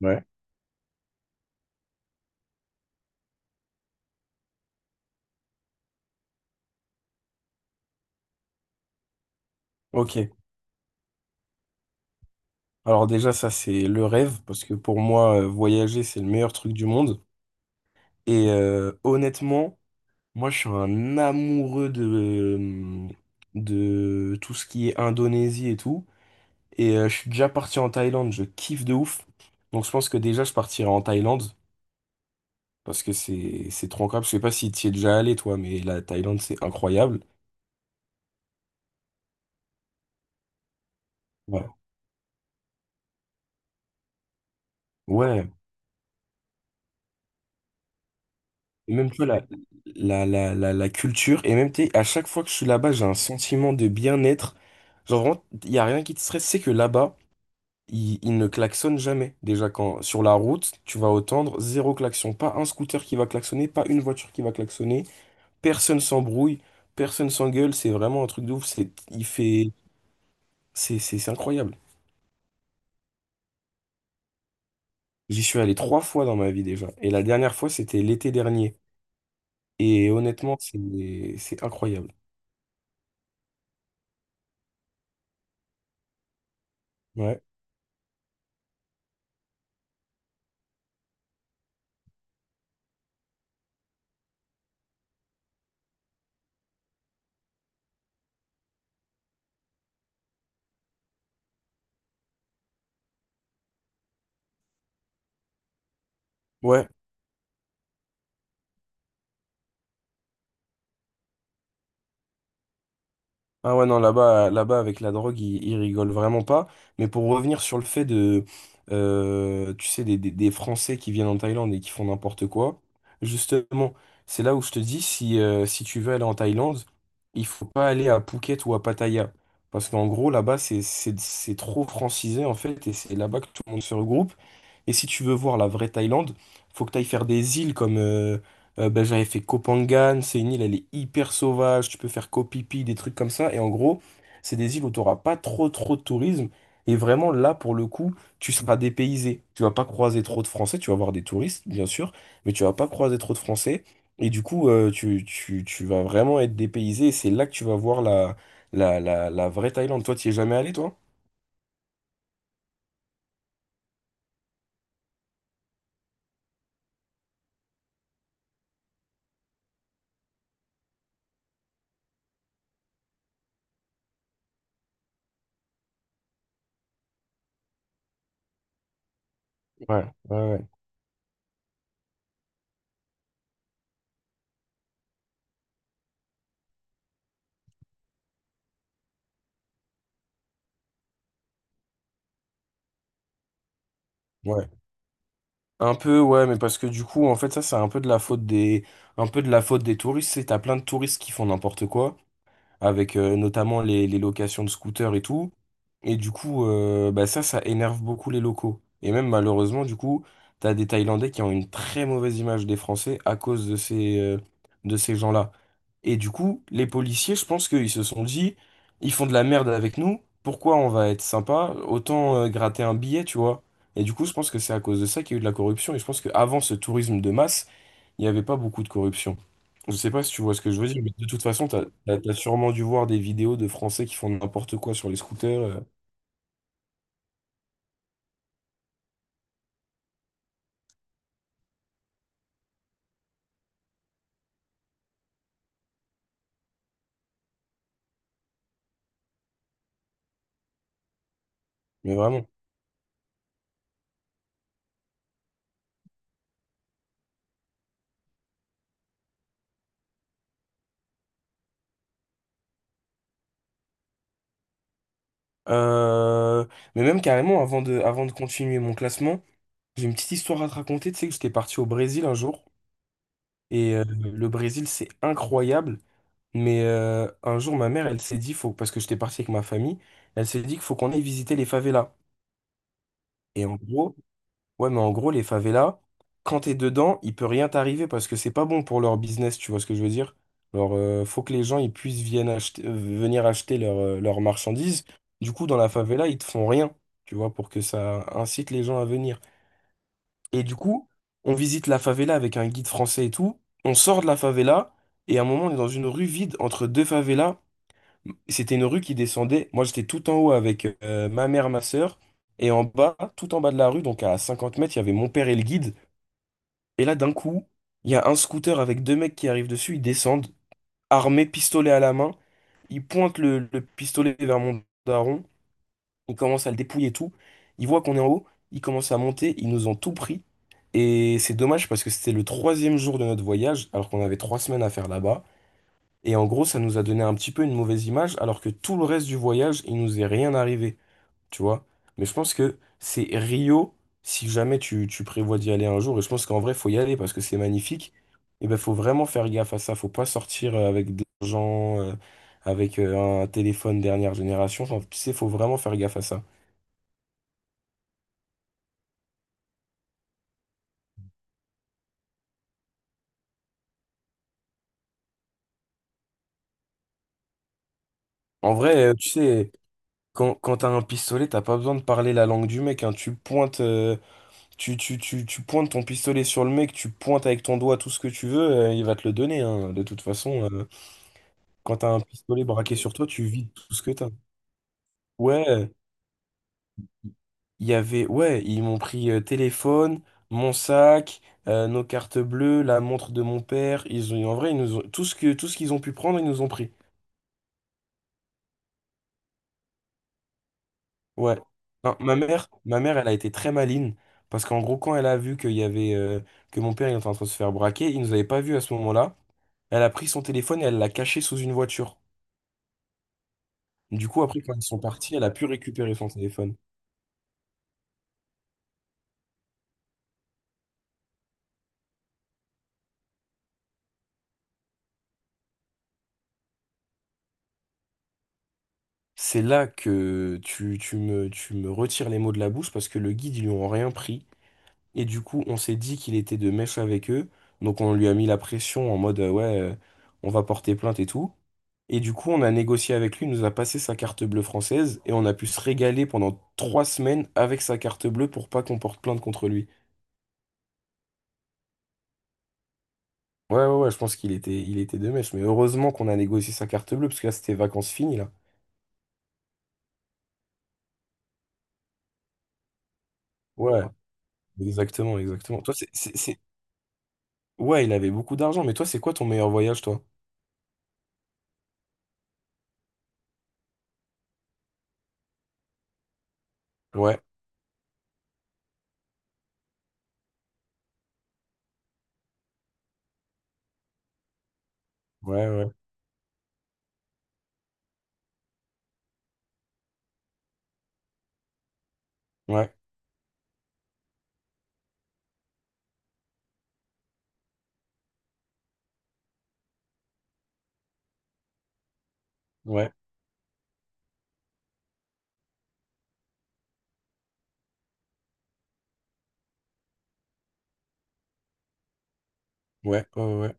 Ouais. Ok. Alors déjà, ça, c'est le rêve, parce que pour moi, voyager, c'est le meilleur truc du monde. Et honnêtement, moi, je suis un amoureux de tout ce qui est Indonésie et tout. Et je suis déjà parti en Thaïlande, je kiffe de ouf. Donc je pense que déjà, je partirai en Thaïlande, parce que c'est trop incroyable. Je sais pas si tu y es déjà allé, toi, mais la Thaïlande, c'est incroyable. Ouais. Ouais, et même, tu vois, la culture, et même, tu sais, à chaque fois que je suis là-bas, j'ai un sentiment de bien-être. Genre, vraiment, il n'y a rien qui te stresse, c'est que là-bas, ils ne klaxonnent jamais. Déjà, quand sur la route, tu vas entendre zéro klaxon. Pas un scooter qui va klaxonner, pas une voiture qui va klaxonner. Personne s'embrouille, personne s'engueule. C'est vraiment un truc de ouf. C'est, il fait, c'est incroyable. J'y suis allé trois fois dans ma vie déjà. Et la dernière fois, c'était l'été dernier. Et honnêtement, c'est incroyable. Ouais. Ouais. Ah ouais, non, là-bas, avec la drogue, ils rigolent vraiment pas. Mais pour revenir sur le fait de, tu sais, des Français qui viennent en Thaïlande et qui font n'importe quoi, justement, c'est là où je te dis, si tu veux aller en Thaïlande, il faut pas aller à Phuket ou à Pattaya. Parce qu'en gros, là-bas, c'est trop francisé, en fait, et c'est là-bas que tout le monde se regroupe. Et si tu veux voir la vraie Thaïlande, faut que tu ailles faire des îles comme ben, j'avais fait Koh Phangan, c'est une île, elle est hyper sauvage, tu peux faire Koh Phi Phi, des trucs comme ça. Et en gros, c'est des îles où tu n'auras pas trop trop de tourisme. Et vraiment, là, pour le coup, tu seras dépaysé. Tu vas pas croiser trop de Français, tu vas voir des touristes, bien sûr, mais tu vas pas croiser trop de Français. Et du coup, tu vas vraiment être dépaysé. Et c'est là que tu vas voir la vraie Thaïlande. Toi, tu es jamais allé, toi? Ouais, ouais, ouais. Ouais. Un peu, ouais, mais parce que du coup, en fait, ça, c'est un peu de la faute des, un peu de la faute des touristes. C'est, t'as plein de touristes qui font n'importe quoi avec notamment les locations de scooters et tout. Et du coup, bah ça, ça énerve beaucoup les locaux. Et même malheureusement, du coup, t'as des Thaïlandais qui ont une très mauvaise image des Français à cause de de ces gens-là. Et du coup, les policiers, je pense qu'ils se sont dit, ils font de la merde avec nous, pourquoi on va être sympa? Autant gratter un billet, tu vois. Et du coup, je pense que c'est à cause de ça qu'il y a eu de la corruption. Et je pense qu'avant ce tourisme de masse, il n'y avait pas beaucoup de corruption. Je sais pas si tu vois ce que je veux dire, mais de toute façon, t'as sûrement dû voir des vidéos de Français qui font n'importe quoi sur les scooters, mais vraiment. Euh, mais même carrément, avant de continuer mon classement, j'ai une petite histoire à te raconter. Tu sais que j'étais parti au Brésil un jour, et le Brésil, c'est incroyable, mais un jour, ma mère, elle s'est dit, faut, parce que j'étais parti avec ma famille, elle s'est dit qu'il faut qu'on aille visiter les favelas. Et en gros, Ouais, mais en gros, les favelas, quand t'es dedans, il peut rien t'arriver parce que c'est pas bon pour leur business, tu vois ce que je veux dire? Alors, faut que les gens ils puissent viennent acheter, venir acheter leurs leurs marchandises. Du coup, dans la favela, ils te font rien, tu vois, pour que ça incite les gens à venir. Et du coup, on visite la favela avec un guide français et tout. On sort de la favela et à un moment, on est dans une rue vide entre deux favelas. C'était une rue qui descendait. Moi, j'étais tout en haut avec ma mère, ma sœur. Et en bas, tout en bas de la rue, donc à 50 mètres, il y avait mon père et le guide. Et là, d'un coup, il y a un scooter avec deux mecs qui arrivent dessus, ils descendent, armés, pistolet à la main. Ils pointent le pistolet vers mon daron, ils commencent à le dépouiller et tout. Ils voient qu'on est en haut, ils commencent à monter, ils nous ont tout pris. Et c'est dommage parce que c'était le troisième jour de notre voyage, alors qu'on avait trois semaines à faire là-bas. Et en gros, ça nous a donné un petit peu une mauvaise image, alors que tout le reste du voyage, il nous est rien arrivé tu vois. Mais je pense que c'est Rio, si jamais tu prévois d'y aller un jour, et je pense qu'en vrai, faut y aller parce que c'est magnifique, et ben faut vraiment faire gaffe à ça, faut pas sortir avec de l'argent, avec un téléphone dernière génération. Enfin, tu sais, faut vraiment faire gaffe à ça. En vrai, tu sais, quand t'as un pistolet, t'as pas besoin de parler la langue du mec, hein. Tu pointes ton pistolet sur le mec, tu pointes avec ton doigt tout ce que tu veux, il va te le donner, hein. De toute façon, quand t'as un pistolet braqué sur toi, tu vides tout ce que t'as. Ouais, ouais, ils m'ont pris téléphone, mon sac, nos cartes bleues, la montre de mon père. En vrai, ils nous ont, tout ce qu'ils ont pu prendre, ils nous ont pris. Ouais. Non, ma mère, elle a été très maligne parce qu'en gros, quand elle a vu qu'il y avait, que mon père il était en train de se faire braquer, il nous avait pas vus à ce moment-là. Elle a pris son téléphone et elle l'a caché sous une voiture. Du coup, après, quand ils sont partis, elle a pu récupérer son téléphone. C'est là que tu me retires les mots de la bouche parce que le guide, ils lui ont rien pris. Et du coup, on s'est dit qu'il était de mèche avec eux. Donc on lui a mis la pression en mode on va porter plainte et tout. Et du coup, on a négocié avec lui, il nous a passé sa carte bleue française et on a pu se régaler pendant trois semaines avec sa carte bleue pour pas qu'on porte plainte contre lui. Ouais, ouais, ouais, je pense qu'il était de mèche. Mais heureusement qu'on a négocié sa carte bleue parce que là, c'était vacances finies, là. Ouais, exactement, exactement. Toi, c'est- Ouais, il avait beaucoup d'argent, mais toi, c'est quoi ton meilleur voyage, toi? Ouais, ouais, ouais, ouais, ouais, ouais, ouais, ouais. Ouais. Ouais.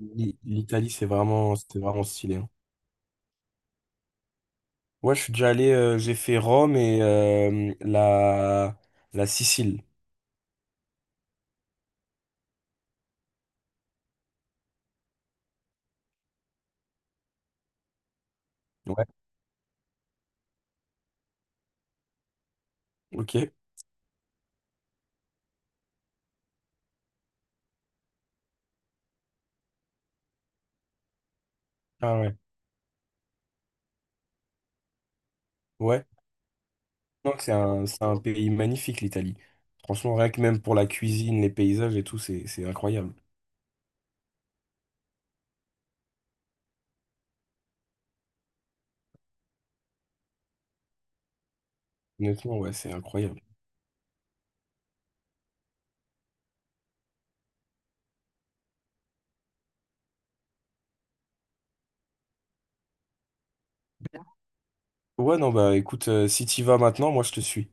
L- L'Italie, c'est vraiment, c'était vraiment stylé, hein. Ouais, je suis déjà allé, j'ai fait Rome et la Sicile. Ouais, ok. Ah ouais. Ouais. Non, c'est un pays magnifique, l'Italie. Franchement, rien que même pour la cuisine, les paysages et tout, c'est incroyable. Honnêtement, ouais, c'est incroyable. Ouais, non, bah écoute, si t'y vas maintenant, moi je te suis.